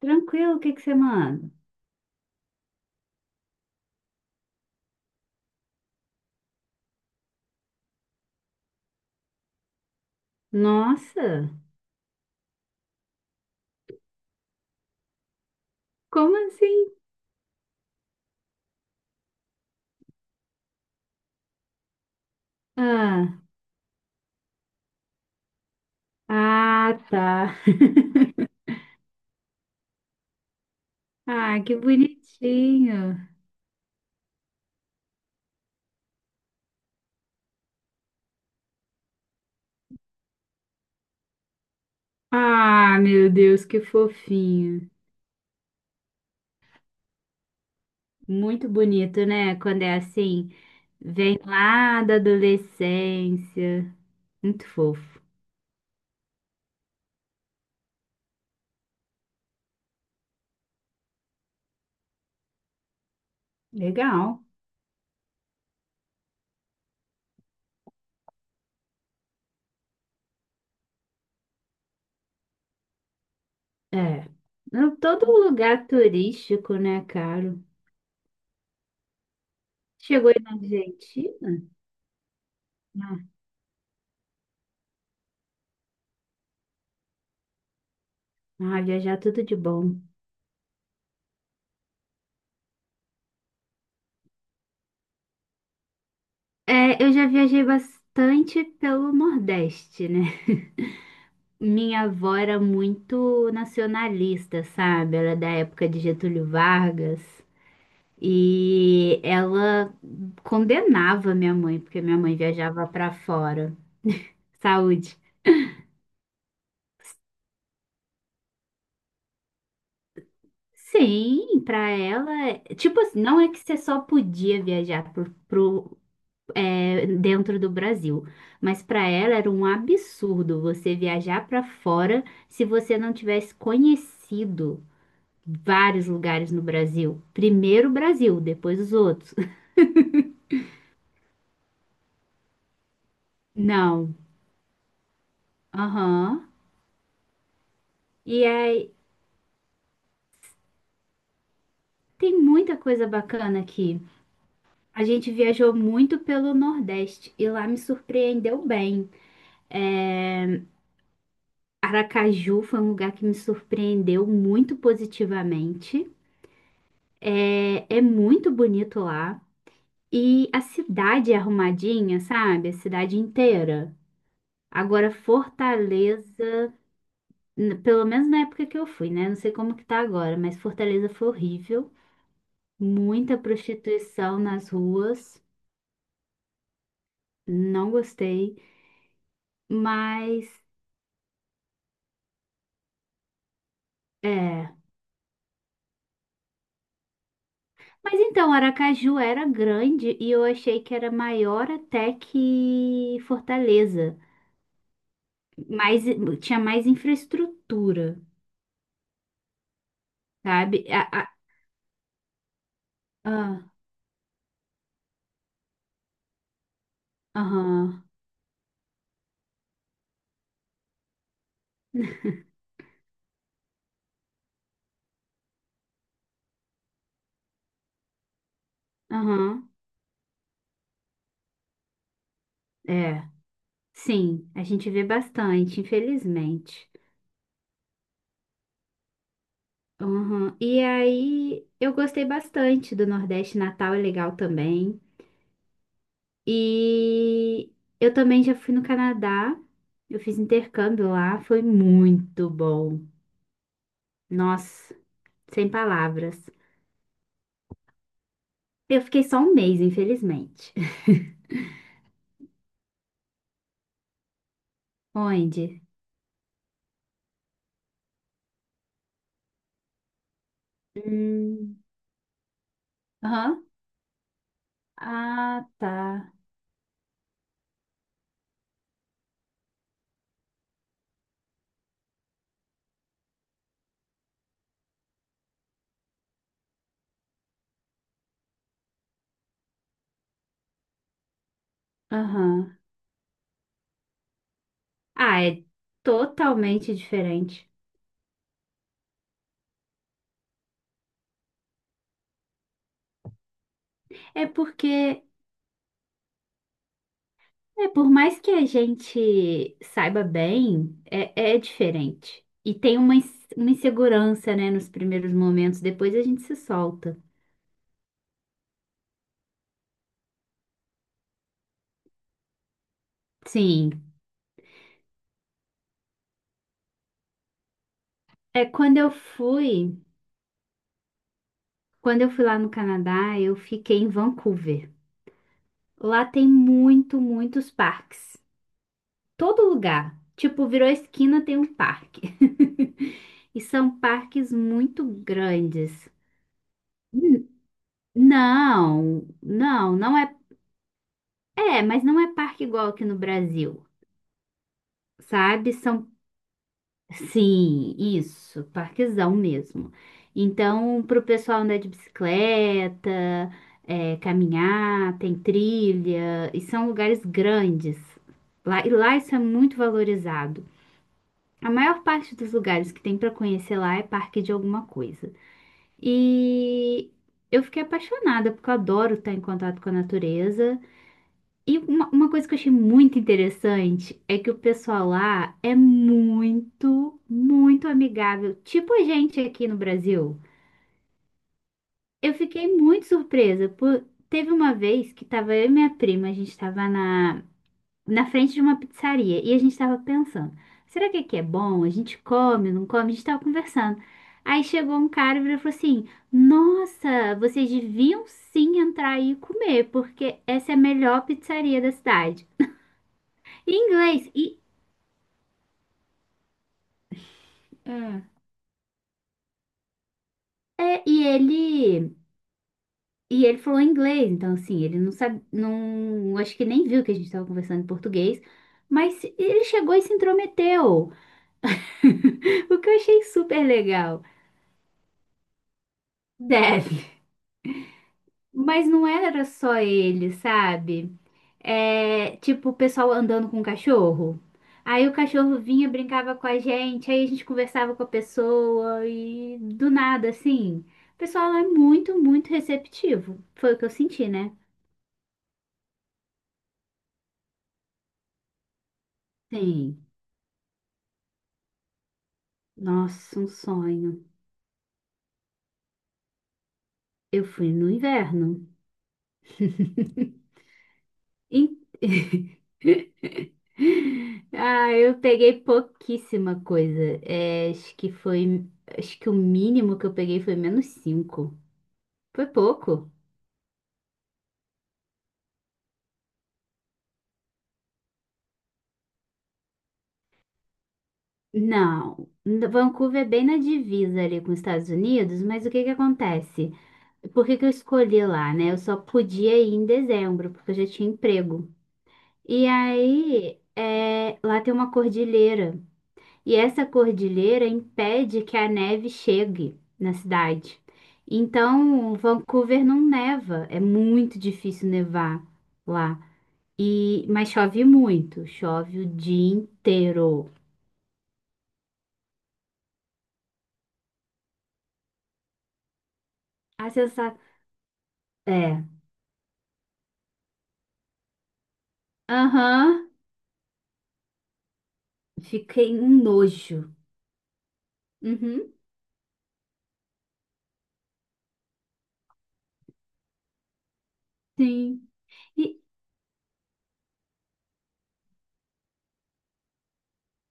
Tranquilo, o que é que você manda? Nossa, como assim? Ah, ah, tá. Ah, que bonitinho. Ah, meu Deus, que fofinho. Muito bonito, né? Quando é assim, vem lá da adolescência. Muito fofo. Legal. É. Não, todo lugar turístico, né, caro? Chegou aí na Argentina? Ah, ah, viajar tudo de bom. É, eu já viajei bastante pelo Nordeste, né? Minha avó era muito nacionalista, sabe? Ela é da época de Getúlio Vargas e ela condenava minha mãe, porque minha mãe viajava pra fora. Saúde. Sim, pra ela, tipo assim, não é que você só podia viajar pro é, dentro do Brasil. Mas para ela era um absurdo você viajar para fora se você não tivesse conhecido vários lugares no Brasil. Primeiro o Brasil, depois os outros. Não. Aham. E aí tem muita coisa bacana aqui. A gente viajou muito pelo Nordeste e lá me surpreendeu bem. Aracaju foi um lugar que me surpreendeu muito positivamente. É, é muito bonito lá. E a cidade é arrumadinha, sabe? A cidade inteira. Agora, Fortaleza, pelo menos na época que eu fui, né? Não sei como que tá agora, mas Fortaleza foi horrível. Muita prostituição nas ruas. Não gostei. Mas, é. Mas então, Aracaju era grande e eu achei que era maior até que Fortaleza. Mais, tinha mais infraestrutura, sabe? Ah, aham, aham, é. Sim, a gente vê bastante, infelizmente. Uhum. E aí, eu gostei bastante do Nordeste, Natal é legal também. E eu também já fui no Canadá, eu fiz intercâmbio lá, foi muito bom. Nossa, sem palavras. Eu fiquei só um mês, infelizmente. Onde? Hum, aham. Ah, tá. Aham. Ah, é totalmente diferente. É porque é, por mais que a gente saiba bem, é, é diferente. E tem uma insegurança, né, nos primeiros momentos, depois a gente se solta. Sim. É quando eu fui lá no Canadá, eu fiquei em Vancouver. Lá tem muito, muitos parques. Todo lugar. Tipo, virou esquina, tem um parque. E são parques muito grandes. N- Não, não, não é é, mas não é parque igual aqui no Brasil, sabe? São, sim, isso, parquezão mesmo. Então, para o pessoal andar de bicicleta, é, caminhar, tem trilha, e são lugares grandes. Lá, e lá isso é muito valorizado. A maior parte dos lugares que tem para conhecer lá é parque de alguma coisa. E eu fiquei apaixonada, porque eu adoro estar em contato com a natureza. E uma coisa que eu achei muito interessante é que o pessoal lá é muito, muito amigável, tipo a gente aqui no Brasil. Eu fiquei muito surpresa, por... teve uma vez que tava eu e minha prima, a gente tava na frente de uma pizzaria e a gente tava pensando, será que aqui é bom? A gente come, não come? A gente tava conversando. Aí chegou um cara e virou e falou assim, nossa, vocês deviam sim entrar aí e comer, porque essa é a melhor pizzaria da cidade. Em inglês. E, hum, é, e ele falou inglês, então assim, ele não sabe, não, acho que nem viu que a gente estava conversando em português, mas ele chegou e se intrometeu, o que eu achei super legal. Deve. Mas não era só ele, sabe? É, tipo, o pessoal andando com o cachorro. Aí o cachorro vinha, brincava com a gente, aí a gente conversava com a pessoa e do nada, assim. O pessoal é muito, muito receptivo. Foi o que eu senti, né? Sim. Nossa, um sonho. Eu fui no inverno. Em- Ah, eu peguei pouquíssima coisa. É, acho que foi. Acho que o mínimo que eu peguei foi menos 5. Por pouco? Não. Vancouver é bem na divisa ali com os Estados Unidos, mas o que que acontece? Por que que eu escolhi lá, né? Eu só podia ir em dezembro, porque eu já tinha emprego. E aí, é, lá tem uma cordilheira. E essa cordilheira impede que a neve chegue na cidade. Então, Vancouver não neva. É muito difícil nevar lá. E, mas chove muito. Chove o dia inteiro. A sensação. É. Aham, fiquei um nojo. Uhum, sim. E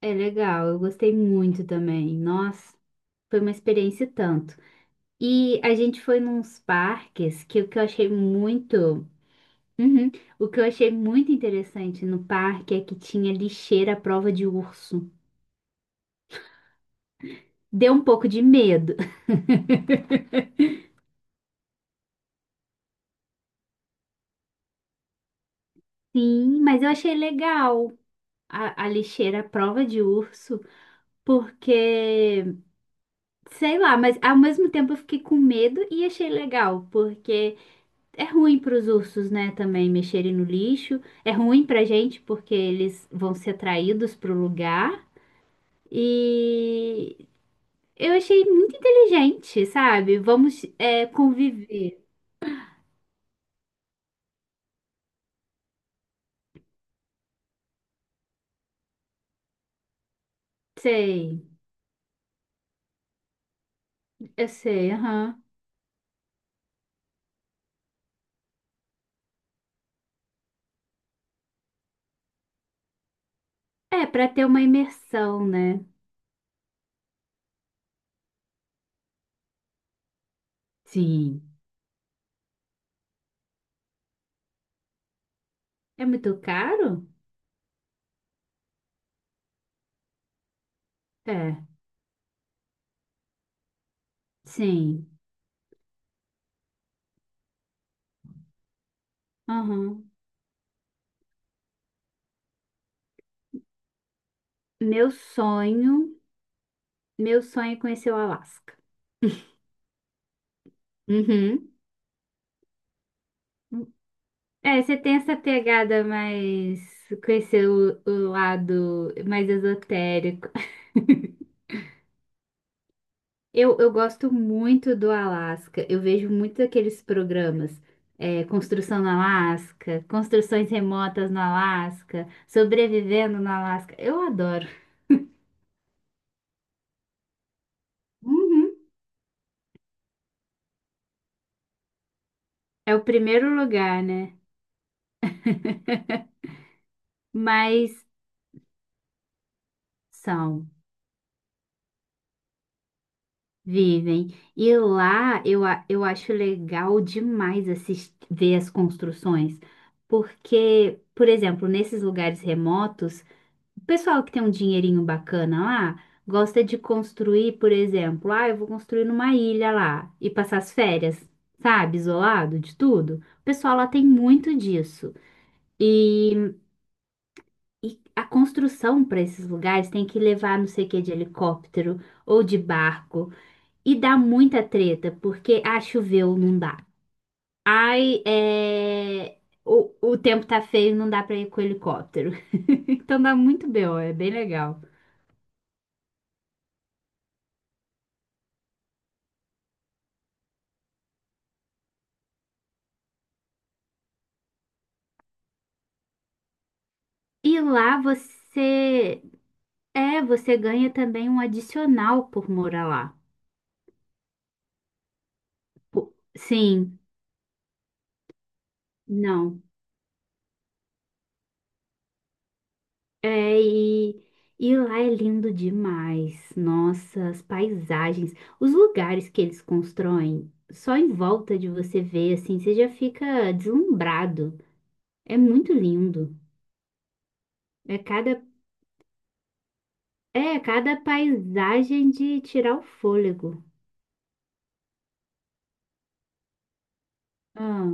é legal, eu gostei muito também. Nossa, foi uma experiência e tanto. E a gente foi nos parques que o que eu achei muito. Uhum, o que eu achei muito interessante no parque é que tinha lixeira à prova de urso. Deu um pouco de medo. Sim, mas eu achei legal a lixeira à prova de urso, porque. Sei lá, mas ao mesmo tempo eu fiquei com medo e achei legal, porque é ruim para os ursos, né, também mexerem no lixo, é ruim pra gente porque eles vão ser atraídos pro lugar. E eu achei muito inteligente, sabe? Vamos é, conviver. Sei, eu sei, aham. É, para ter uma imersão, né? Sim. É muito caro? É, sim. Aham. Meu sonho, meu sonho é conhecer o Alasca. Uhum. É, você tem essa pegada mais com esse o lado mais esotérico. Eu gosto muito do Alasca. Eu vejo muito aqueles programas, é, Construção no Alasca, Construções Remotas no Alasca, Sobrevivendo no Alasca. Eu adoro. Uhum. É o primeiro lugar, né? Mas são. Vivem. E lá eu, eu acho legal demais assistir, ver as construções, porque, por exemplo, nesses lugares remotos, o pessoal que tem um dinheirinho bacana lá gosta de construir, por exemplo, ah, eu vou construir numa ilha lá e passar as férias, sabe, isolado de tudo. O pessoal lá tem muito disso. E, e a construção para esses lugares tem que levar não sei o que de helicóptero ou de barco. E dá muita treta, porque ah, choveu, não dá. Ai, é... o tempo tá feio, não dá pra ir com o helicóptero. Então dá muito BO, é bem legal. E lá você. É, você ganha também um adicional por morar lá. Po- sim, não. É, e lá é lindo demais. Nossa, as paisagens, os lugares que eles constroem, só em volta de você ver, assim, você já fica deslumbrado. É muito lindo. É cada, é cada paisagem de tirar o fôlego. Ah,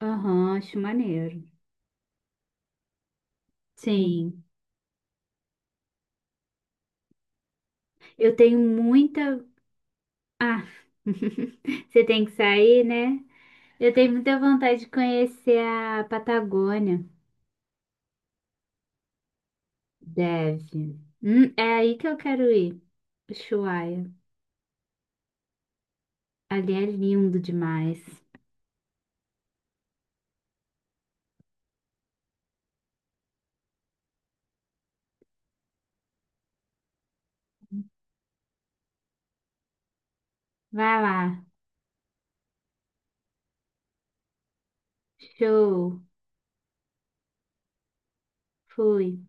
aham, acho maneiro. Sim, eu tenho muita. Ah, você tem que sair, né? Eu tenho muita vontade de conhecer a Patagônia. Deve. É aí que eu quero ir. Ushuaia. Ali é lindo demais. Vai lá. Show. Fui.